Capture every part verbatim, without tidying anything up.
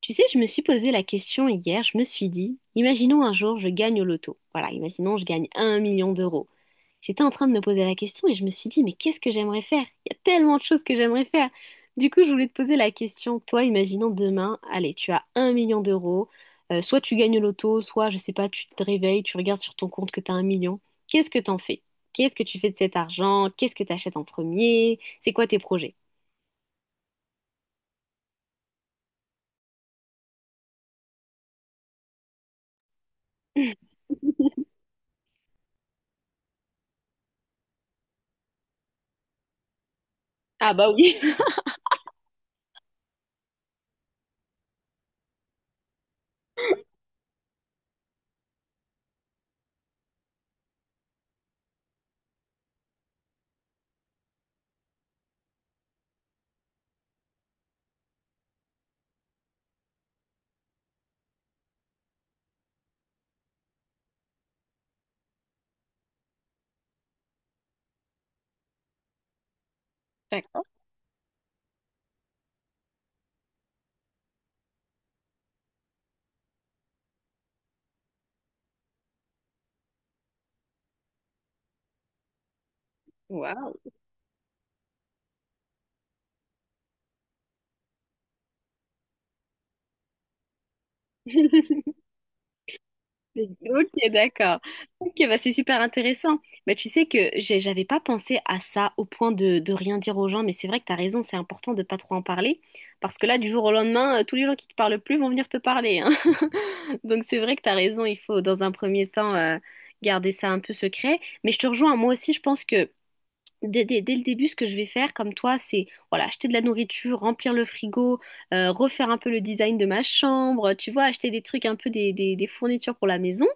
Tu sais, je me suis posé la question hier, je me suis dit, imaginons un jour je gagne au loto. Voilà, imaginons je gagne un million d'euros. J'étais en train de me poser la question et je me suis dit, mais qu'est-ce que j'aimerais faire? Il y a tellement de choses que j'aimerais faire. Du coup, je voulais te poser la question, toi, imaginons demain, allez, tu as un million d'euros. Euh, soit tu gagnes au loto, soit, je sais pas, tu te réveilles, tu regardes sur ton compte que tu as un million. Qu'est-ce que t'en fais? Qu'est-ce que tu fais de cet argent? Qu'est-ce que tu achètes en premier? C'est quoi tes projets? Ah bah oui. D'accord. Waouh. Ok, d'accord. Ok, bah c'est super intéressant. Bah, tu sais que j'ai- j'avais pas pensé à ça au point de, de rien dire aux gens, mais c'est vrai que tu as raison, c'est important de pas trop en parler, parce que là, du jour au lendemain, euh, tous les gens qui te parlent plus vont venir te parler, hein. Donc c'est vrai que tu as raison, il faut dans un premier temps euh, garder ça un peu secret. Mais je te rejoins, moi aussi, je pense que dès, dès- dès le début, ce que je vais faire, comme toi, c'est voilà, acheter de la nourriture, remplir le frigo, euh, refaire un peu le design de ma chambre, tu vois, acheter des trucs un peu des des- des fournitures pour la maison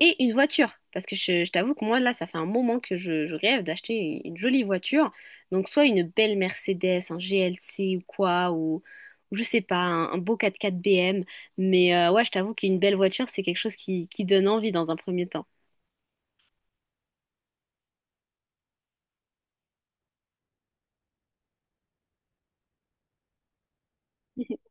et une voiture. Parce que je, je t'avoue que moi, là, ça fait un moment que je, je rêve d'acheter une jolie voiture. Donc, soit une belle Mercedes, un G L C ou quoi, ou, ou je sais pas, un, un beau quatre-quatre B M. Mais euh, ouais, je t'avoue qu'une belle voiture, c'est quelque chose qui, qui donne envie dans un premier temps.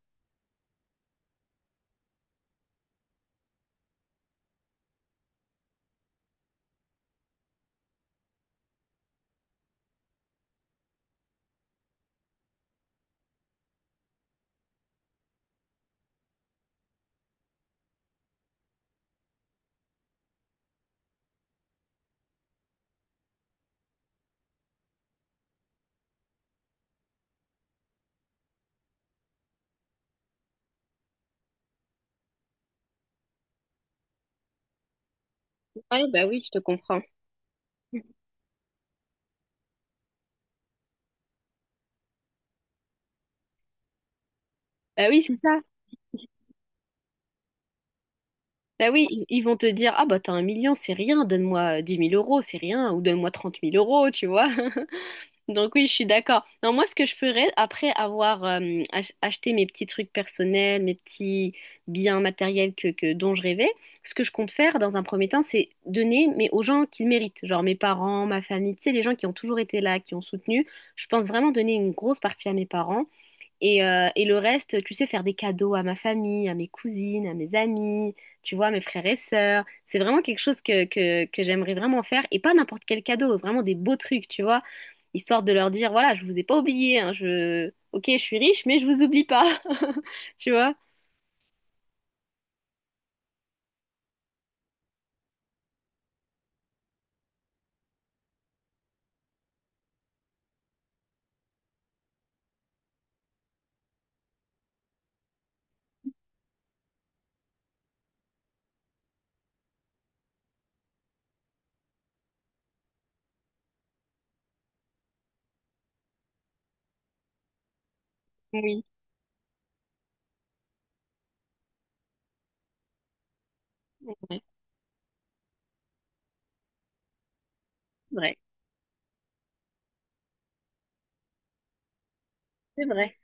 Ouais, bah oui, je te comprends. Bah oui, c'est ça. Bah oui, ils ils vont te dire, ah bah t'as un million, c'est rien, donne-moi dix mille euros, c'est rien, ou donne-moi trente mille euros, tu vois. Donc oui, je suis d'accord. Non, moi, ce que je ferais après avoir euh, ach- acheté mes petits trucs personnels, mes petits biens matériels que, que- dont je rêvais, ce que je compte faire dans un premier temps, c'est donner mais aux gens qui le méritent, genre mes parents, ma famille, tu sais, les gens qui ont toujours été là, qui ont soutenu. Je pense vraiment donner une grosse partie à mes parents et, euh, et le reste, tu sais, faire des cadeaux à ma famille, à mes cousines, à mes amis, tu vois, à mes frères et sœurs. C'est vraiment quelque chose que, que, que j'aimerais vraiment faire. Et pas n'importe quel cadeau, vraiment des beaux trucs, tu vois. Histoire de leur dire, voilà, je vous ai pas oublié, hein, je... Ok, je suis riche, mais je vous oublie pas. Tu vois? Oui, c'est vrai. C'est vrai.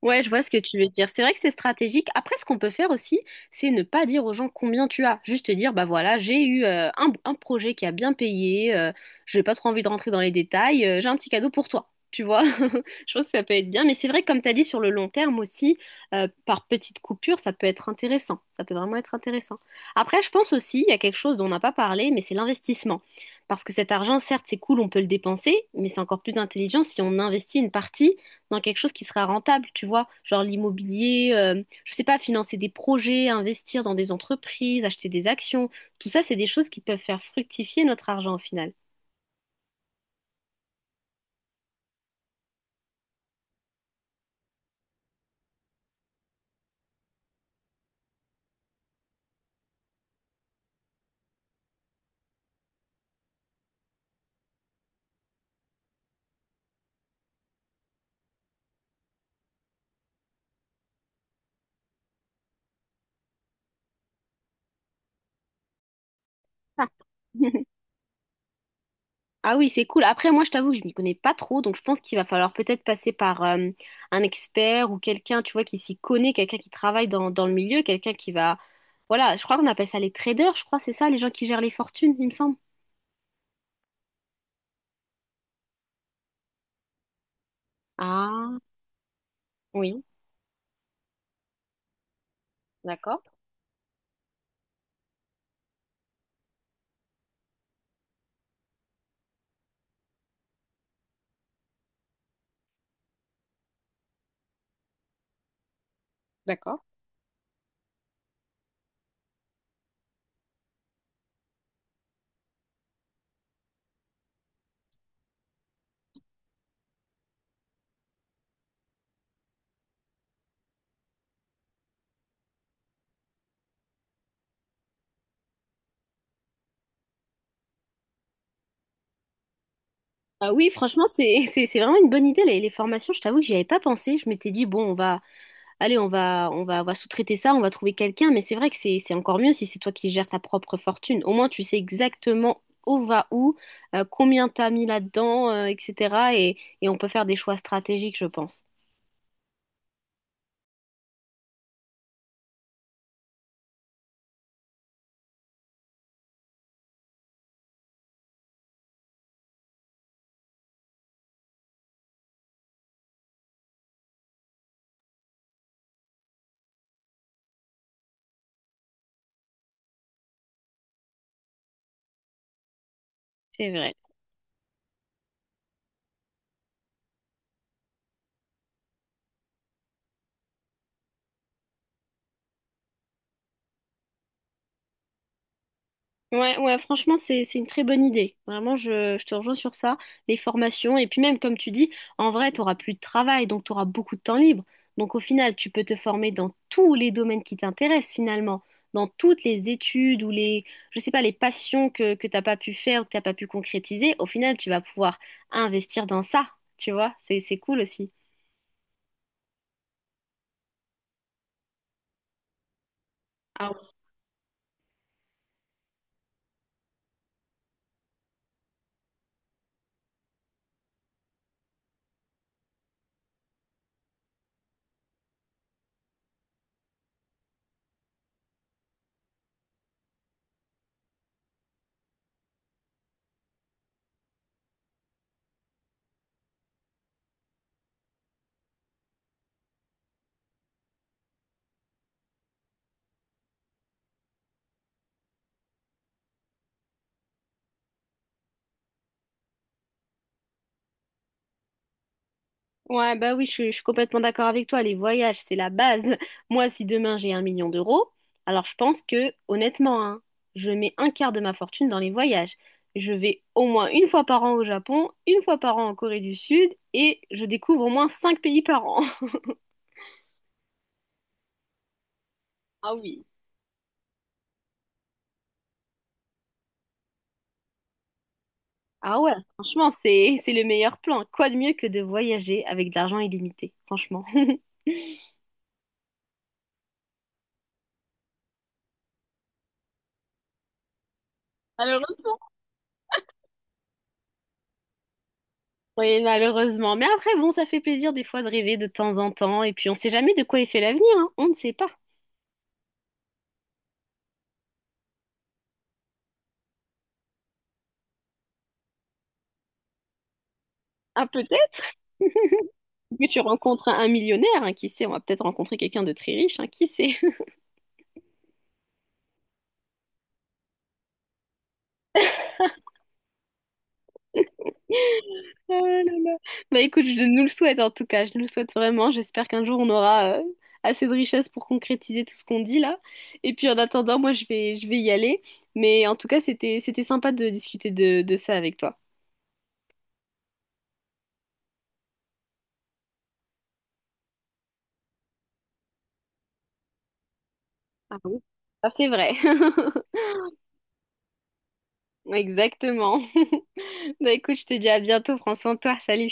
Ouais, je vois ce que tu veux dire. C'est vrai que c'est stratégique. Après, ce qu'on peut faire aussi, c'est ne pas dire aux gens combien tu as. Juste dire, bah voilà, j'ai eu euh, un, un projet qui a bien payé, euh, j'ai pas trop envie de rentrer dans les détails, euh, j'ai un petit cadeau pour toi. Tu vois, je pense que ça peut être bien. Mais c'est vrai que comme tu as dit, sur le long terme aussi, euh, par petites coupures, ça peut être intéressant. Ça peut vraiment être intéressant. Après, je pense aussi, il y a quelque chose dont on n'a pas parlé, mais c'est l'investissement. Parce que cet argent, certes, c'est cool, on peut le dépenser, mais c'est encore plus intelligent si on investit une partie dans quelque chose qui sera rentable, tu vois, genre l'immobilier, euh, je sais pas, financer des projets, investir dans des entreprises, acheter des actions, tout ça, c'est des choses qui peuvent faire fructifier notre argent au final. Ah. Ah oui, c'est cool. Après, moi, je t'avoue que je m'y connais pas trop, donc je pense qu'il va falloir peut-être passer par euh, un expert ou quelqu'un, tu vois, qui s'y connaît, quelqu'un qui travaille dans, dans le milieu, quelqu'un qui va... Voilà, je crois qu'on appelle ça les traders, je crois, c'est ça, les gens qui gèrent les fortunes, il me semble. Ah, oui, d'accord, d'accord. Ah oui, franchement, c'est c'est- c'est vraiment une bonne idée, les, les formations. Je t'avoue que j'y avais pas pensé. Je m'étais dit, bon, on va, allez, on va, on va, on va sous-traiter ça, on va trouver quelqu'un. Mais c'est vrai que c'est c'est encore mieux si c'est toi qui gères ta propre fortune. Au moins, tu sais exactement où va où, euh, combien t'as mis là-dedans, euh, et cetera. Et, et on peut faire des choix stratégiques, je pense. C'est vrai. Ouais, ouais, franchement, c'est, c'est une très bonne idée. Vraiment, je, je te rejoins sur ça, les formations. Et puis même, comme tu dis, en vrai, tu n'auras plus de travail, donc tu auras beaucoup de temps libre. Donc au final, tu peux te former dans tous les domaines qui t'intéressent finalement, dans toutes les études ou les, je sais pas, les passions que, que t'as pas pu faire ou que t'as pas pu concrétiser. Au final, tu vas pouvoir investir dans ça, tu vois. C'est, c'est cool aussi. Ouais, bah oui, je, suis je suis complètement d'accord avec toi. Les voyages, c'est la base. Moi, si demain j'ai un million d'euros, alors je pense que, honnêtement, hein, je mets un quart de ma fortune dans les voyages. Je vais au moins une fois par an au Japon, une fois par an en Corée du Sud, et je découvre au moins cinq pays par an. Ah oui. Ah ouais, franchement, c'est, c'est le meilleur plan. Quoi de mieux que de voyager avec de l'argent illimité, franchement. Alors, oui, malheureusement. Mais après, bon, ça fait plaisir des fois de rêver de temps en temps. Et puis, on ne sait jamais de quoi est fait l'avenir, hein. On ne sait pas. Ah, peut-être que tu rencontres un un millionnaire, hein, qui sait, on va peut-être rencontrer quelqu'un de très riche, hein, qui sait? Oh là là. Bah écoute, je nous le souhaite en tout cas. Je nous le souhaite vraiment. J'espère qu'un jour, on aura euh, assez de richesse pour concrétiser tout ce qu'on dit là. Et puis, en attendant, moi, je vais, je vais y aller. Mais en tout cas, c'était, c'était sympa de discuter de, de ça avec toi. Ah oui. Ah, c'est vrai. Exactement. Bah écoute, je te dis à bientôt, prends soin de toi, salut.